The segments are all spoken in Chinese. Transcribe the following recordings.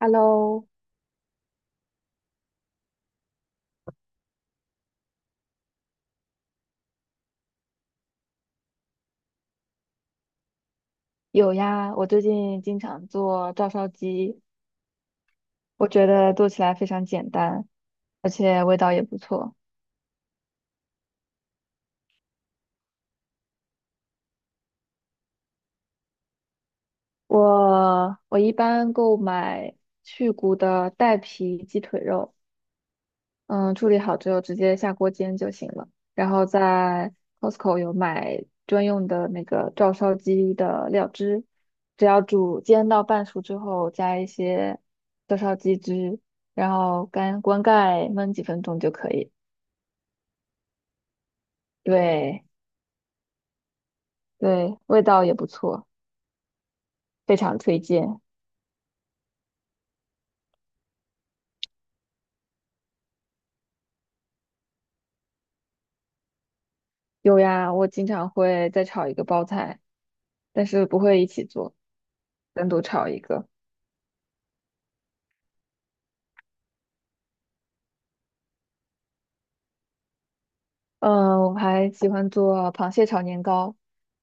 Hello，有呀，我最近经常做照烧鸡，我觉得做起来非常简单，而且味道也不错。我一般购买去骨的带皮鸡腿肉，嗯，处理好之后直接下锅煎就行了。然后在 Costco 有买专用的那个照烧鸡的料汁，只要煮煎到半熟之后，加一些照烧鸡汁，然后干关盖焖几分钟就可以了。对对，味道也不错，非常推荐。有呀，我经常会再炒一个包菜，但是不会一起做，单独炒一个。嗯，我还喜欢做螃蟹炒年糕，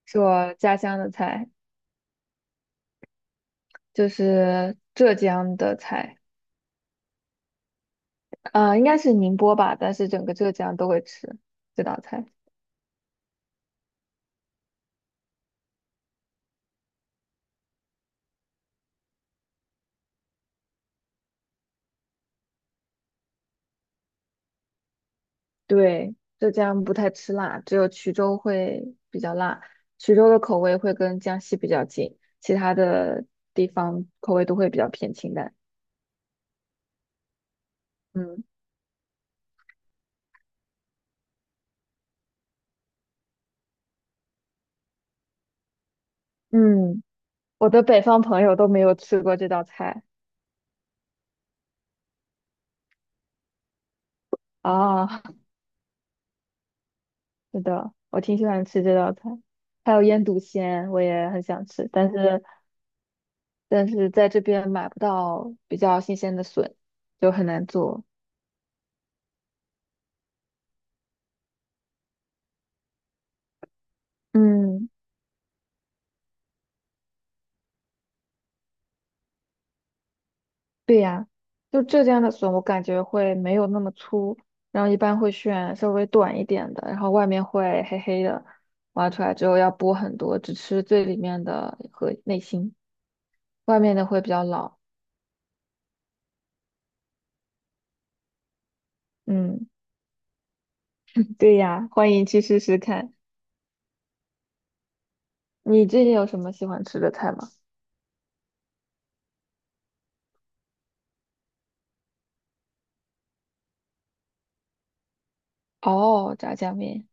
是我家乡的菜，就是浙江的菜，啊、应该是宁波吧，但是整个浙江都会吃这道菜。对，浙江不太吃辣，只有衢州会比较辣。衢州的口味会跟江西比较近，其他的地方口味都会比较偏清淡。嗯嗯，我的北方朋友都没有吃过这道菜啊，是的，我挺喜欢吃这道菜，还有腌笃鲜，我也很想吃，但是在这边买不到比较新鲜的笋，就很难做。嗯。对呀，就浙江的笋，我感觉会没有那么粗，然后一般会选稍微短一点的，然后外面会黑黑的，挖出来之后要剥很多，只吃最里面的和内心，外面的会比较老。嗯，对呀，欢迎去试试看。你最近有什么喜欢吃的菜吗？哦，炸酱面。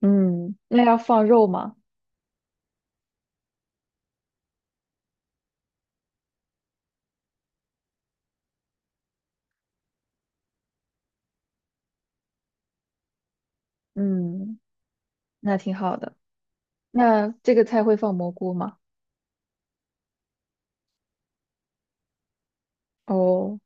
嗯，那要放肉吗？嗯，那挺好的。那这个菜会放蘑菇吗？哦，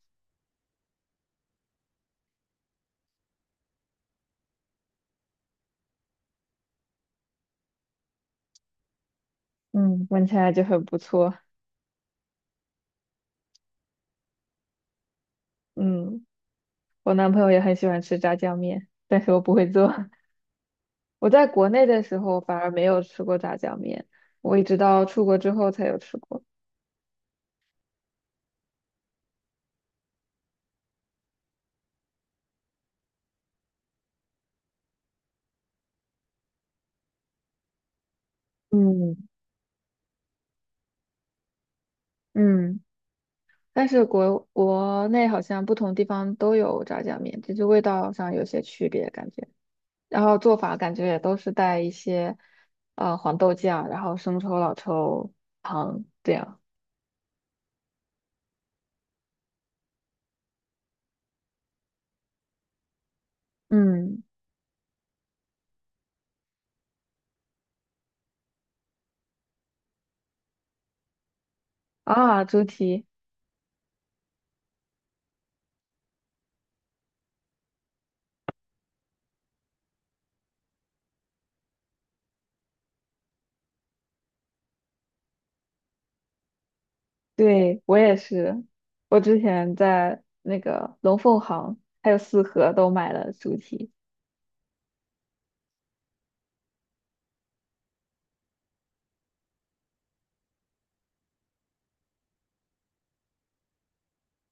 嗯，闻起来就很不错。嗯。我男朋友也很喜欢吃炸酱面，但是我不会做。我在国内的时候反而没有吃过炸酱面，我一直到出国之后才有吃过。嗯嗯，但是国内好像不同地方都有炸酱面，只是味道上有些区别感觉，然后做法感觉也都是带一些黄豆酱，然后生抽、老抽、糖这样。嗯，啊，猪蹄。对，我也是，我之前在那个龙凤行还有四合都买了猪蹄，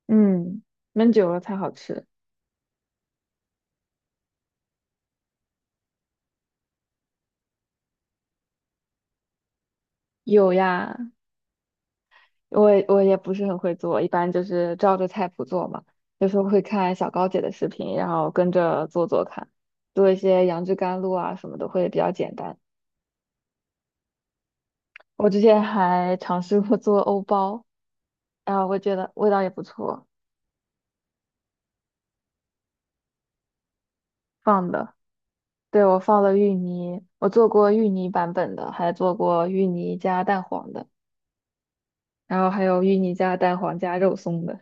嗯，焖久了才好吃。有呀，我也不是很会做，一般就是照着菜谱做嘛，有时候会看小高姐的视频，然后跟着做做看，做一些杨枝甘露啊什么的会比较简单。我之前还尝试过做欧包，然后我觉得味道也不错，放的。对，我放了芋泥，我做过芋泥版本的，还做过芋泥加蛋黄的，然后还有芋泥加蛋黄加肉松的，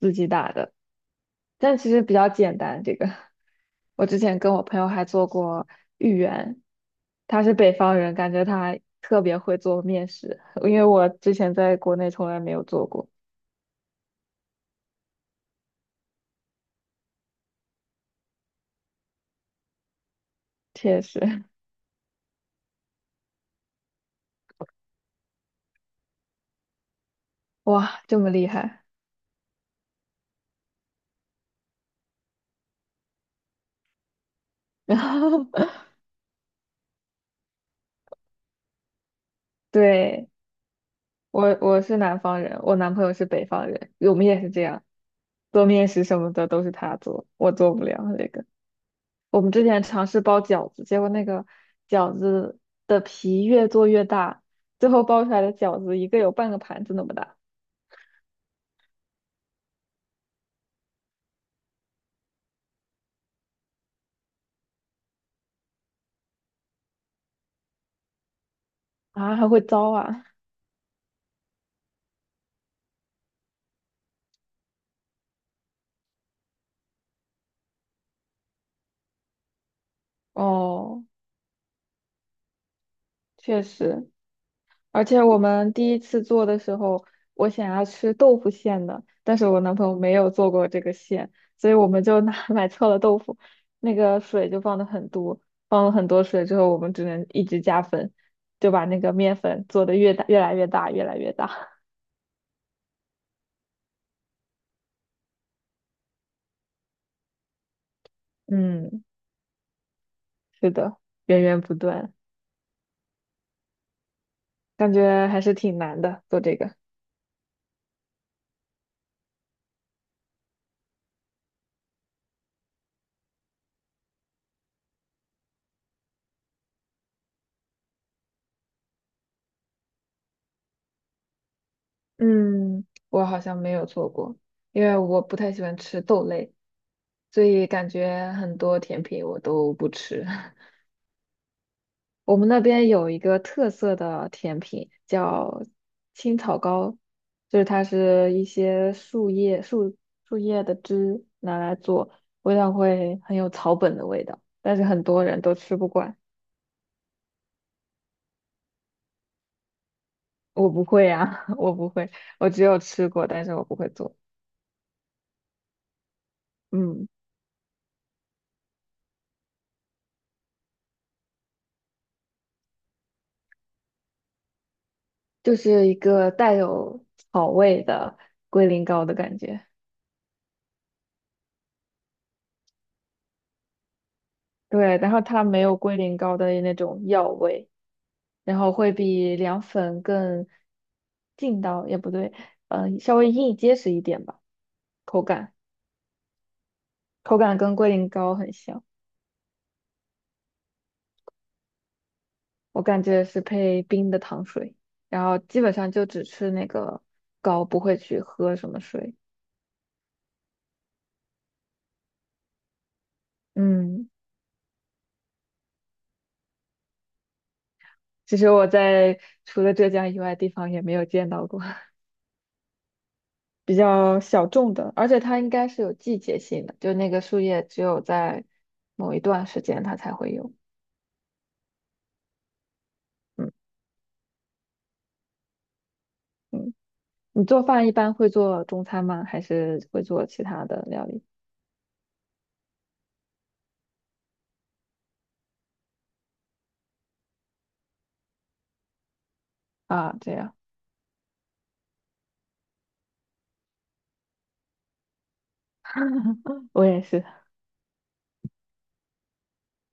自己打的。但其实比较简单，这个 我之前跟我朋友还做过芋圆，他是北方人，感觉他特别会做面食，因为我之前在国内从来没有做过，确实，哇，这么厉害。然后，对，我是南方人，我男朋友是北方人，我们也是这样。做面食什么的都是他做，我做不了那个。我们之前尝试包饺子，结果那个饺子的皮越做越大，最后包出来的饺子一个有半个盘子那么大啊，还会糟啊！哦，确实，而且我们第一次做的时候，我想要吃豆腐馅的，但是我男朋友没有做过这个馅，所以我们就拿 买错了豆腐，那个水就放的很多，放了很多水之后，我们只能一直加粉，就把那个面粉做的越大，越来越大，越来越大。嗯，是的，源源不断，感觉还是挺难的，做这个。嗯，我好像没有做过，因为我不太喜欢吃豆类，所以感觉很多甜品我都不吃。我们那边有一个特色的甜品叫青草糕，就是它是一些树叶的汁拿来做，味道会很有草本的味道，但是很多人都吃不惯。我不会呀、我不会，我只有吃过，但是我不会做。嗯，就是一个带有草味的龟苓膏的感觉。对，然后它没有龟苓膏的那种药味。然后会比凉粉更劲道，也不对，稍微硬结实一点吧，口感口感跟龟苓膏很像，我感觉是配冰的糖水，然后基本上就只吃那个膏，不会去喝什么水。嗯，其实我在除了浙江以外地方也没有见到过 比较小众的，而且它应该是有季节性的，就那个树叶只有在某一段时间它才会有。嗯嗯。你做饭一般会做中餐吗？还是会做其他的料理啊？这样，我也是，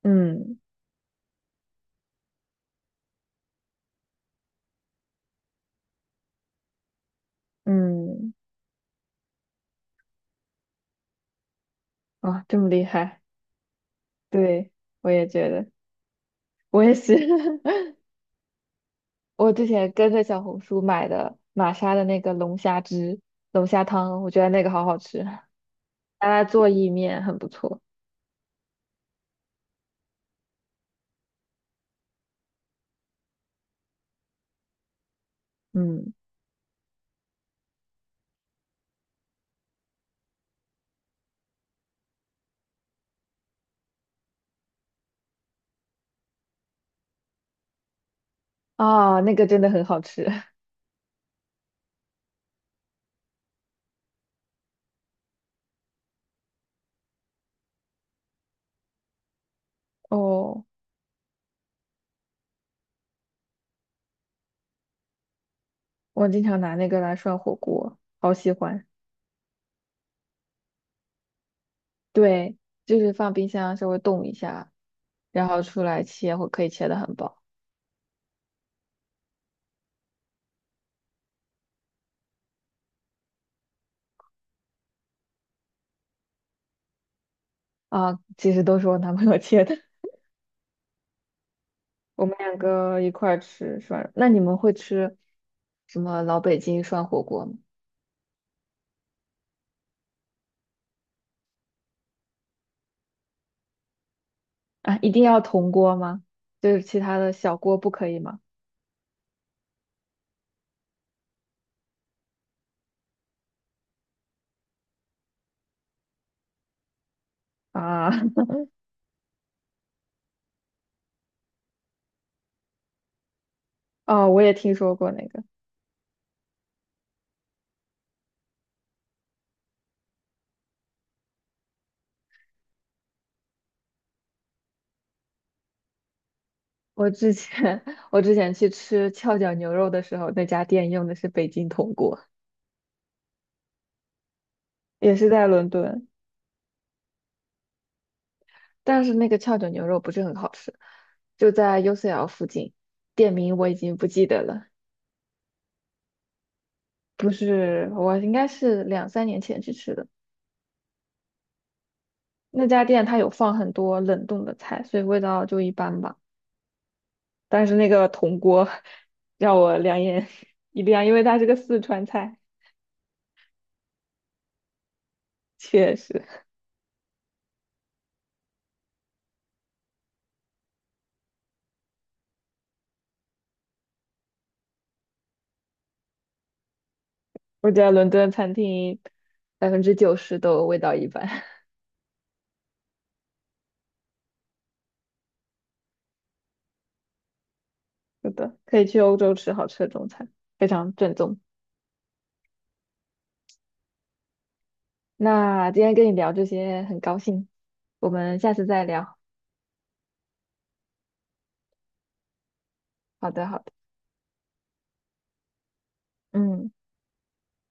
嗯嗯，啊，这么厉害，对，我也觉得，我也是，我之前跟着小红书买的玛莎的那个龙虾汁、龙虾汤，我觉得那个好好吃，拿来做意面很不错，嗯，啊，那个真的很好吃，哦，我经常拿那个来涮火锅，好喜欢，对。就是放冰箱稍微冻一下，然后出来切会可以切的很薄啊。其实都是我男朋友切的，我们两个一块儿吃涮肉。那你们会吃什么老北京涮火锅吗？啊，一定要铜锅吗？就是其他的小锅不可以吗？啊，哦，我也听说过那个。我之前 我之前去吃翘脚牛肉的时候，那家店用的是北京铜锅，也是在伦敦，但是那个翘脚牛肉不是很好吃，就在 UCL 附近，店名我已经不记得了。不是，我应该是两三年前去吃的。那家店它有放很多冷冻的菜，所以味道就一般吧。但是那个铜锅 让我两眼 一亮，因为它是个四川菜，确实，我觉得伦敦餐厅90%都味道一般。是的，可以去欧洲吃好吃的中餐，非常正宗。那今天跟你聊这些很高兴，我们下次再聊。好的，好的，嗯。